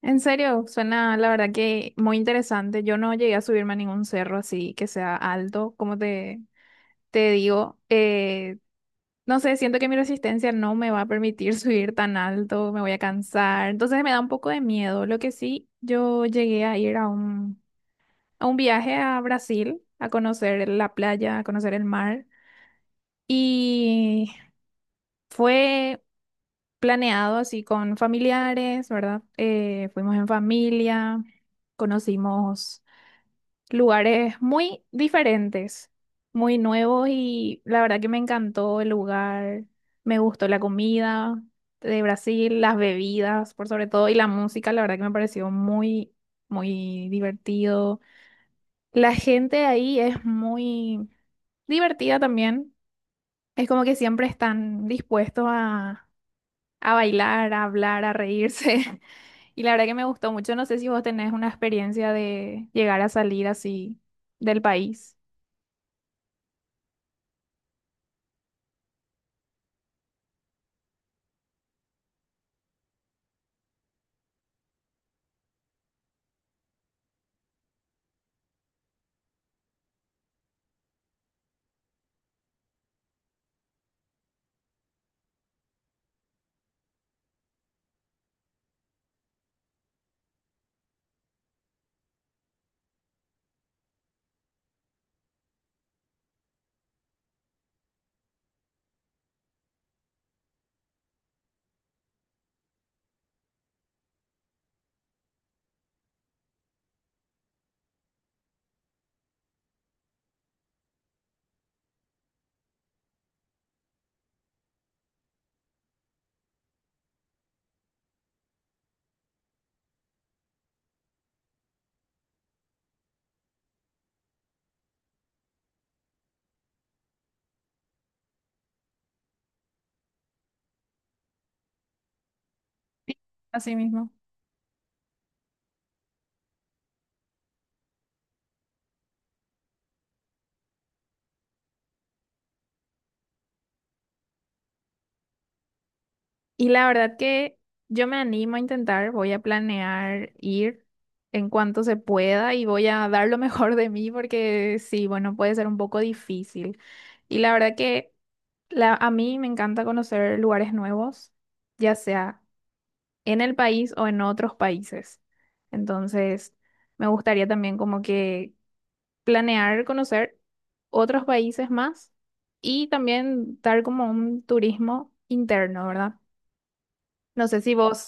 En serio, suena la verdad que muy interesante. Yo no llegué a subirme a ningún cerro así que sea alto, como te digo, no sé, siento que mi resistencia no me va a permitir subir tan alto, me voy a cansar. Entonces me da un poco de miedo. Lo que sí, yo llegué a ir a un viaje a Brasil, a conocer la playa, a conocer el mar. Y fue planeado así con familiares, ¿verdad? Fuimos en familia, conocimos lugares muy diferentes, muy nuevos, y la verdad que me encantó el lugar, me gustó la comida de Brasil, las bebidas por sobre todo y la música. La verdad que me pareció muy divertido. La gente ahí es muy divertida también, es como que siempre están dispuestos a bailar, a hablar, a reírse. Y la verdad que me gustó mucho. No sé si vos tenés una experiencia de llegar a salir así del país. Así mismo. Y la verdad que yo me animo a intentar, voy a planear ir en cuanto se pueda y voy a dar lo mejor de mí porque sí, bueno, puede ser un poco difícil. Y la verdad que a mí me encanta conocer lugares nuevos, ya sea en el país o en otros países. Entonces, me gustaría también como que planear conocer otros países más y también dar como un turismo interno, ¿verdad? No sé si vos.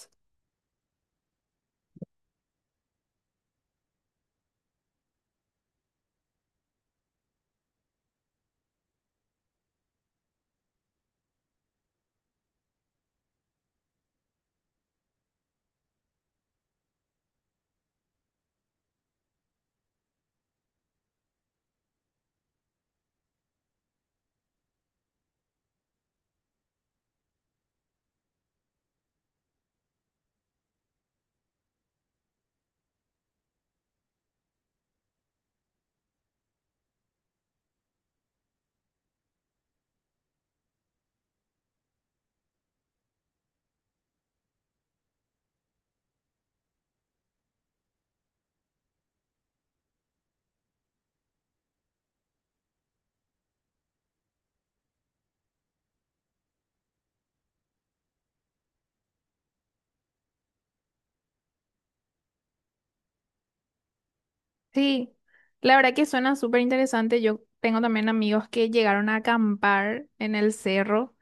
Sí, la verdad que suena súper interesante. Yo tengo también amigos que llegaron a acampar en el cerro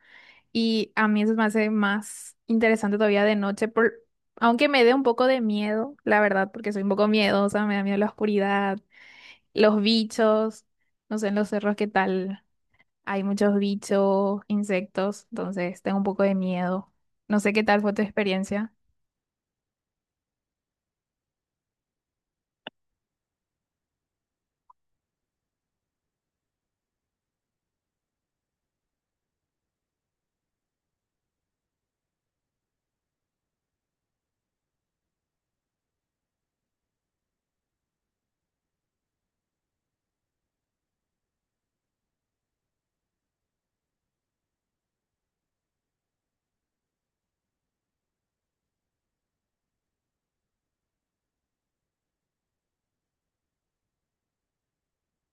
y a mí eso me hace más interesante todavía de noche, por... aunque me dé un poco de miedo, la verdad, porque soy un poco miedosa, me da miedo la oscuridad, los bichos, no sé, en los cerros qué tal, hay muchos bichos, insectos, entonces tengo un poco de miedo. No sé qué tal fue tu experiencia.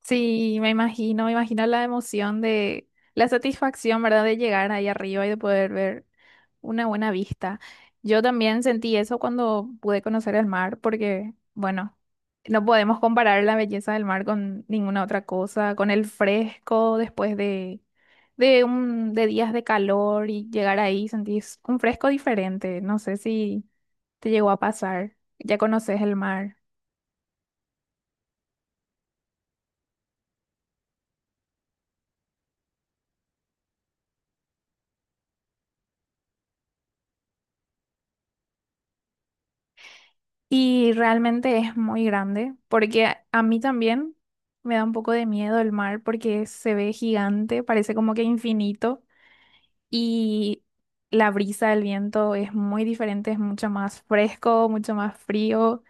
Sí, me imagino la emoción de la satisfacción, ¿verdad? De llegar ahí arriba y de poder ver una buena vista. Yo también sentí eso cuando pude conocer el mar, porque, bueno, no podemos comparar la belleza del mar con ninguna otra cosa, con el fresco después de días de calor, y llegar ahí sentís un fresco diferente. No sé si te llegó a pasar, ya conoces el mar. Y realmente es muy grande, porque a mí también me da un poco de miedo el mar, porque se ve gigante, parece como que infinito, y la brisa del viento es muy diferente, es mucho más fresco, mucho más frío,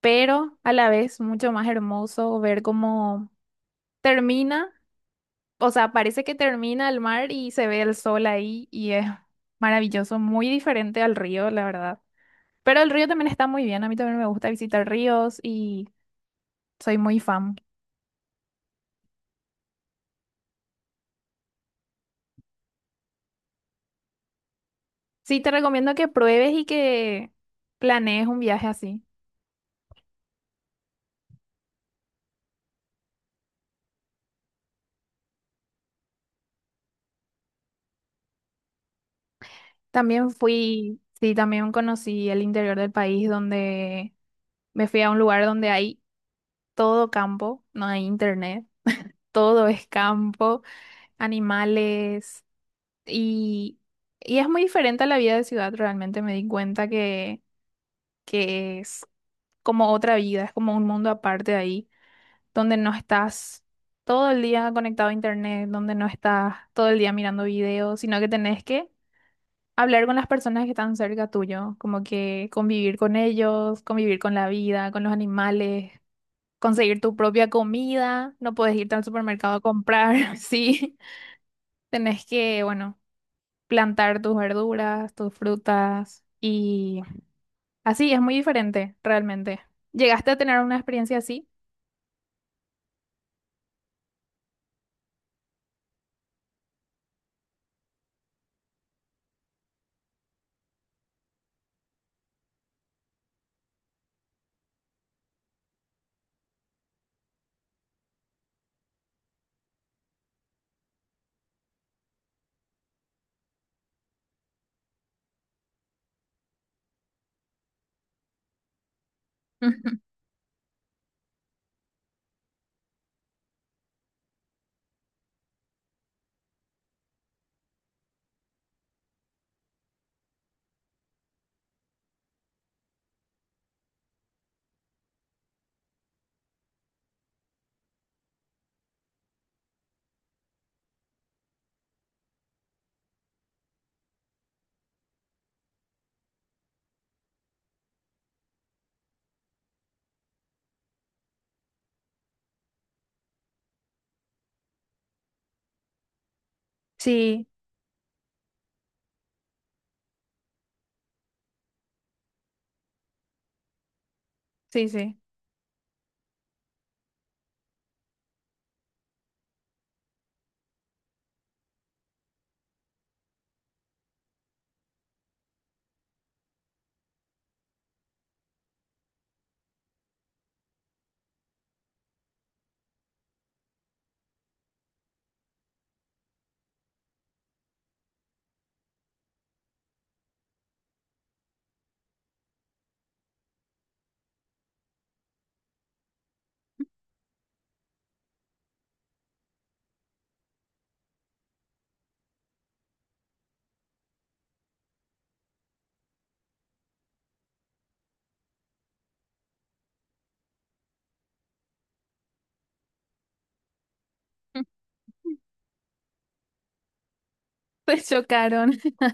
pero a la vez mucho más hermoso ver cómo termina, o sea, parece que termina el mar y se ve el sol ahí, y es maravilloso, muy diferente al río, la verdad. Pero el río también está muy bien, a mí también me gusta visitar ríos. Y soy muy fan. Sí, te recomiendo que pruebes y que planees un viaje así. También fui, sí, también conocí el interior del país, donde me fui a un lugar donde hay todo campo, no hay internet, todo es campo, animales, y, y es muy diferente a la vida de ciudad. Realmente me di cuenta que es como otra vida, es como un mundo aparte de ahí, donde no estás todo el día conectado a internet, donde no estás todo el día mirando videos, sino que tenés que hablar con las personas que están cerca tuyo, como que convivir con ellos, convivir con la vida, con los animales, conseguir tu propia comida, no puedes irte al supermercado a comprar. Sí, tenés que, bueno, plantar tus verduras, tus frutas, y así es muy diferente realmente. ¿Llegaste a tener una experiencia así? Sí, sí, sí. Se chocaron.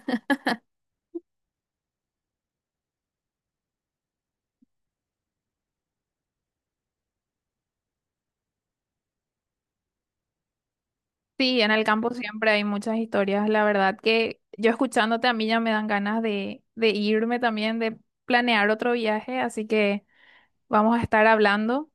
Sí, en el campo siempre hay muchas historias. La verdad que yo escuchándote a mí ya me dan ganas de irme también, de planear otro viaje. Así que vamos a estar hablando.